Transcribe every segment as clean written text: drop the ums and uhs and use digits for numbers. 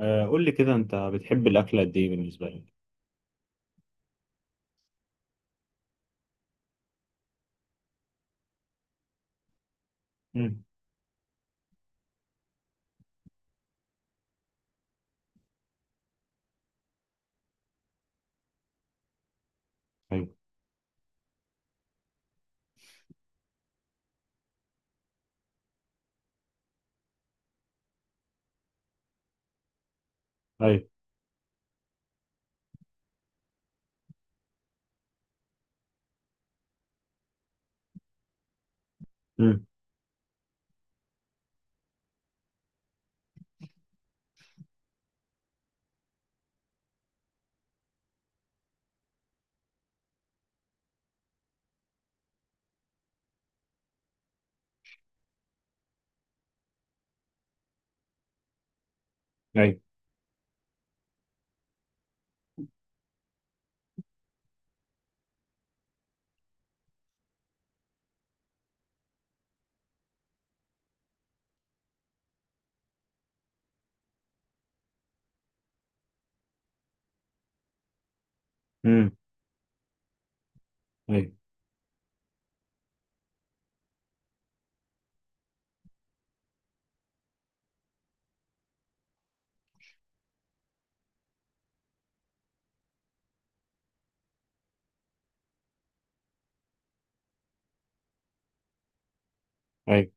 قول لي كده انت بتحب الاكل قد ايه بالنسبه لك. امم. ايوه ايوه. امم. ايوه. امم. ايوه ايوه.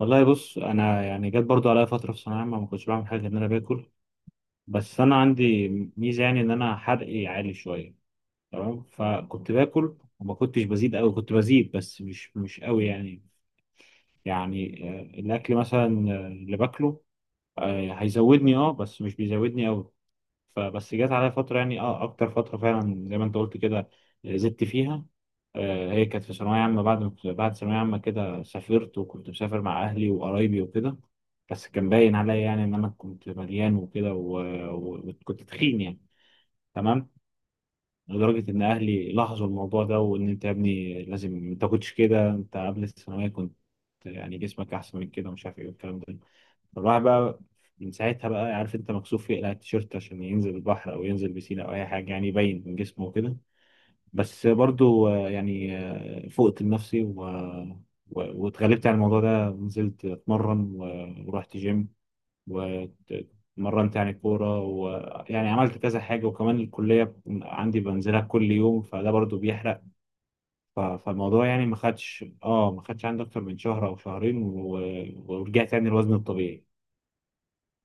والله بص انا يعني جت برضو عليا فتره في ثانويه عامه ما كنتش بعمل حاجه غير ان انا باكل. بس انا عندي ميزه يعني ان انا حرقي عالي شويه، تمام، فكنت باكل وما كنتش بزيد قوي، كنت بزيد بس مش قوي يعني. يعني الاكل مثلا اللي باكله هيزودني اه بس مش بيزودني قوي. فبس جت عليا فترة يعني اه أكتر فترة فعلا زي ما أنت قلت كده، زدت فيها. آه هي كانت في ثانوية عامة، بعد ما كنت- بعد ثانوية عامة كده سافرت وكنت مسافر مع أهلي وقرايبي وكده. بس كان باين عليا يعني إن أنا كنت مليان وكده وكنت تخين يعني، تمام. لدرجة إن أهلي لاحظوا الموضوع ده، وإن أنت يا ابني لازم ما تاكلش كده، أنت قبل الثانوية كنت يعني جسمك أحسن من كده ومش عارف إيه والكلام ده. فالواحد بقى من ساعتها بقى، عارف انت، مكسوف يقلع التيشيرت عشان ينزل البحر او ينزل بسين او اي حاجه يعني يبين من جسمه وكده. بس برضو يعني فقت لنفسي واتغلبت على الموضوع ده، نزلت اتمرن ورحت جيم واتمرنت يعني كوره، ويعني عملت كذا حاجه، وكمان الكليه عندي بنزلها كل يوم فده برضو بيحرق. فالموضوع يعني ما خدش عندي اكتر من شهر او شهرين، ورجعت يعني الوزن الطبيعي.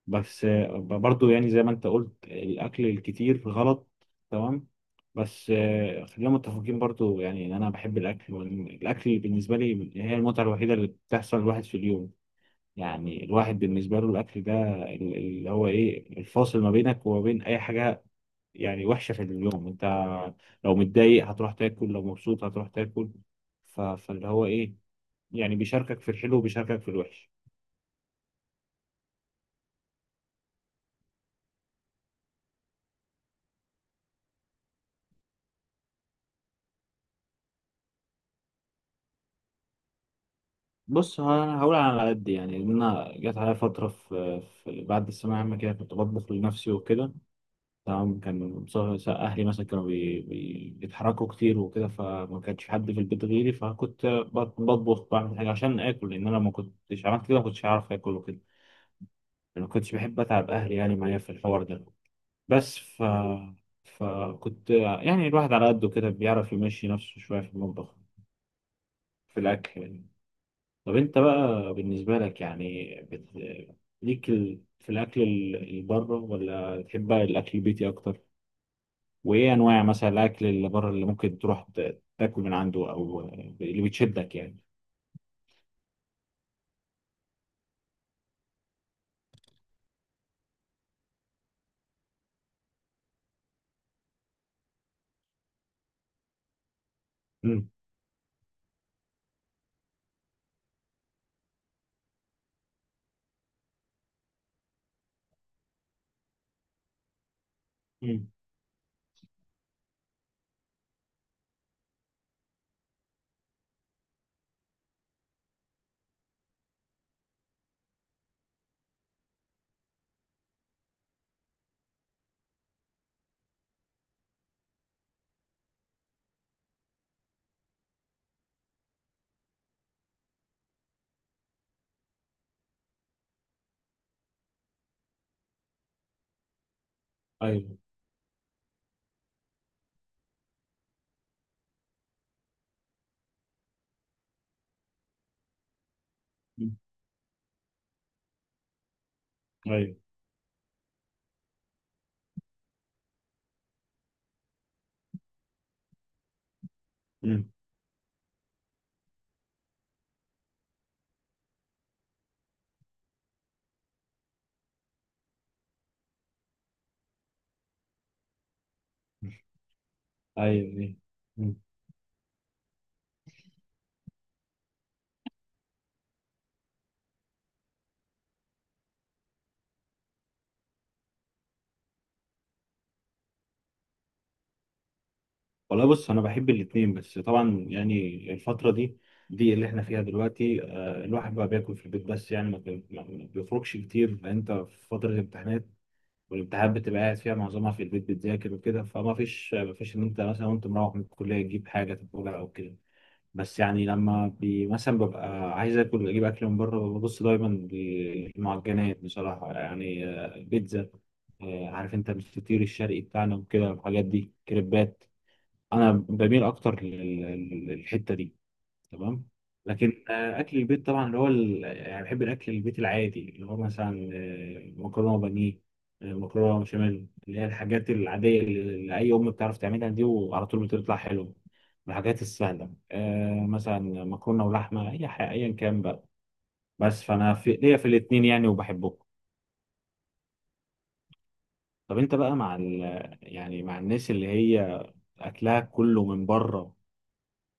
بس برضو يعني زي ما انت قلت الاكل الكتير غلط، تمام. بس خلينا متفقين برضو يعني ان انا بحب الاكل، والاكل بالنسبه لي هي المتعه الوحيده اللي بتحصل الواحد في اليوم. يعني الواحد بالنسبه له الاكل ده اللي هو ايه، الفاصل ما بينك وما بين اي حاجه يعني وحشه في اليوم. انت لو متضايق هتروح تاكل، لو مبسوط هتروح تاكل. فاللي هو ايه يعني، بيشاركك في الحلو وبيشاركك في الوحش. بص هقول على قد يعني ان انا جت عليا فتره في بعد الثانويه العامه كده كنت بطبخ لنفسي وكده، تمام. اهلي مثلا كانوا بيتحركوا كتير وكده، فما كانش حد في البيت غيري، فكنت بطبخ، بعمل حاجه عشان اكل، لان انا ما كنتش عملت كده ما كنتش هعرف اكل وكده. انا ما كنتش بحب اتعب اهلي يعني معايا في الحوار ده. بس ف فكنت يعني الواحد على قده كده بيعرف يمشي نفسه شويه في المطبخ، في الاكل يعني. طب انت بقى بالنسبة لك يعني ليك في الأكل اللي بره، ولا تحب بقى الأكل البيتي أكتر؟ وإيه أنواع مثلا الأكل اللي بره اللي ممكن تروح تاكل من عنده، أو اللي بتشدك يعني؟ مم. مم. أيوه. مم. أيوه. مم. أيوه. مم. والله بص أنا بحب الاتنين، بس طبعا يعني الفترة دي دي اللي احنا فيها دلوقتي، الواحد بقى بياكل في البيت بس يعني ما بيخرجش كتير لأن انت في فترة الامتحانات، والامتحانات بتبقى قاعد فيها معظمها في البيت بتذاكر وكده، فما فيش ما فيش ان انت مثلا وانت مروح من الكليه تجيب حاجه تاكلها او كده. بس يعني لما بي مثلا ببقى عايز اكل اجيب اكل من بره، ببص دايما للمعجنات بصراحه، يعني بيتزا، عارف انت الفطير الشرقي بتاعنا وكده، الحاجات دي، كريبات، انا بميل اكتر للحته دي، تمام. لكن اكل البيت طبعا اللي هو يعني بحب الاكل البيت العادي اللي هو مثلا مكرونه بانيه، مكرونه بشاميل، اللي هي الحاجات العاديه اللي اي ام بتعرف تعملها دي، وعلى طول بتطلع حلو. الحاجات السهله، مثلا مكرونه ولحمه، اي حاجه ايا كان بقى. بس فانا في ليا في الاثنين يعني وبحبهم. طب انت بقى مع يعني مع الناس اللي هي اكلها كله من بره،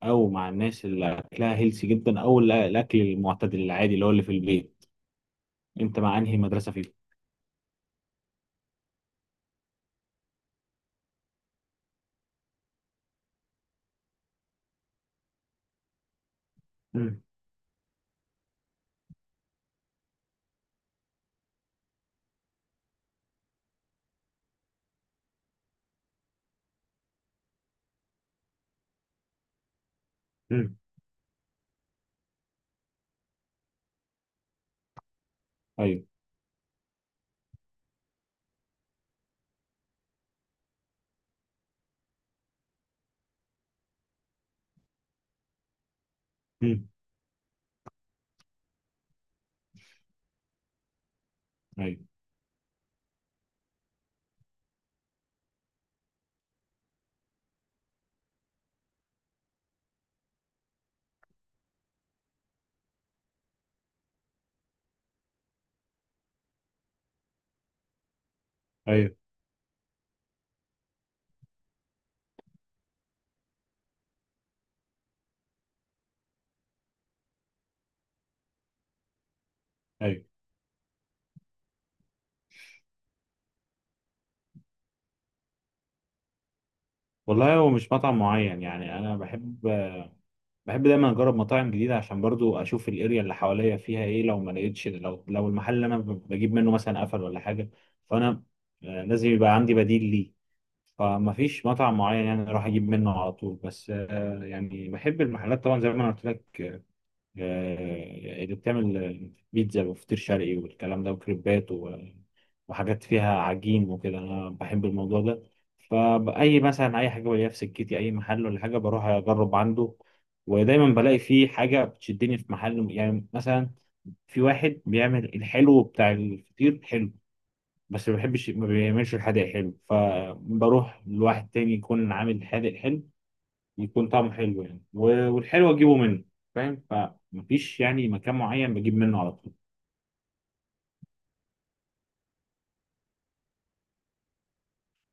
او مع الناس اللي اكلها هيلسي جدا، او الاكل المعتدل العادي اللي هو اللي في البيت، انت مع انهي مدرسه فيهم؟ مم. مم. ايوه. مم. ايوه ايوه ايوه. والله هو مش مطعم معين يعني، انا بحب، بحب دايما اجرب مطاعم جديده عشان برضو اشوف الاريا اللي حواليا فيها ايه، لو ما لقيتش، لو المحل اللي انا بجيب منه مثلا قفل ولا حاجه، فانا لازم يبقى عندي بديل ليه. فما فيش مطعم معين يعني اروح اجيب منه على طول. بس يعني بحب المحلات طبعا زي ما أنا قلت لك، اللي بتعمل بيتزا وفطير شرقي والكلام ده، وكريبات، وحاجات فيها عجين وكده، انا بحب الموضوع ده. فاي مثلا اي حاجه بلاقيها في سكتي، اي محل ولا حاجه بروح اجرب عنده، ودايما بلاقي فيه حاجه بتشدني. في محل يعني مثلا في واحد بيعمل الحلو بتاع الفطير حلو، بس ما بحبش، ما بيعملش الحادق حلو، فبروح لواحد تاني يكون عامل حادق حلو، يكون طعمه حلو يعني، والحلو اجيبه منه، فاهم؟ فمفيش يعني مكان معين بجيب منه على طول.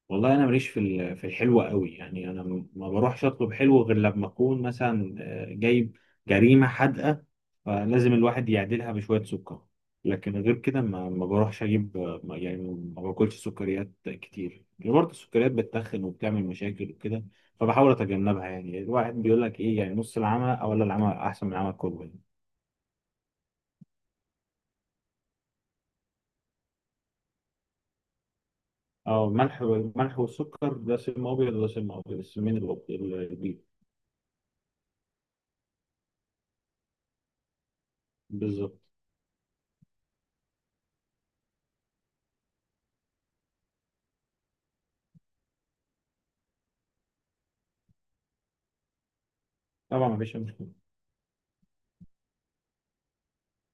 والله انا ماليش في في الحلو قوي يعني، انا ما بروحش اطلب حلو غير لما اكون مثلا جايب جريمه حادقه، فلازم الواحد يعدلها بشويه سكر. لكن غير كده ما بروحش اجيب يعني ما باكلش سكريات كتير يعني، برضه السكريات بتتخن وبتعمل مشاكل وكده، فبحاول اتجنبها. يعني الواحد بيقول لك ايه يعني، نص العمى او ولا العمى احسن من العمى كله. اه، الملح والسكر، ده سم ابيض وده سم ابيض، السمين البيض. بالظبط. طبعا مفيش.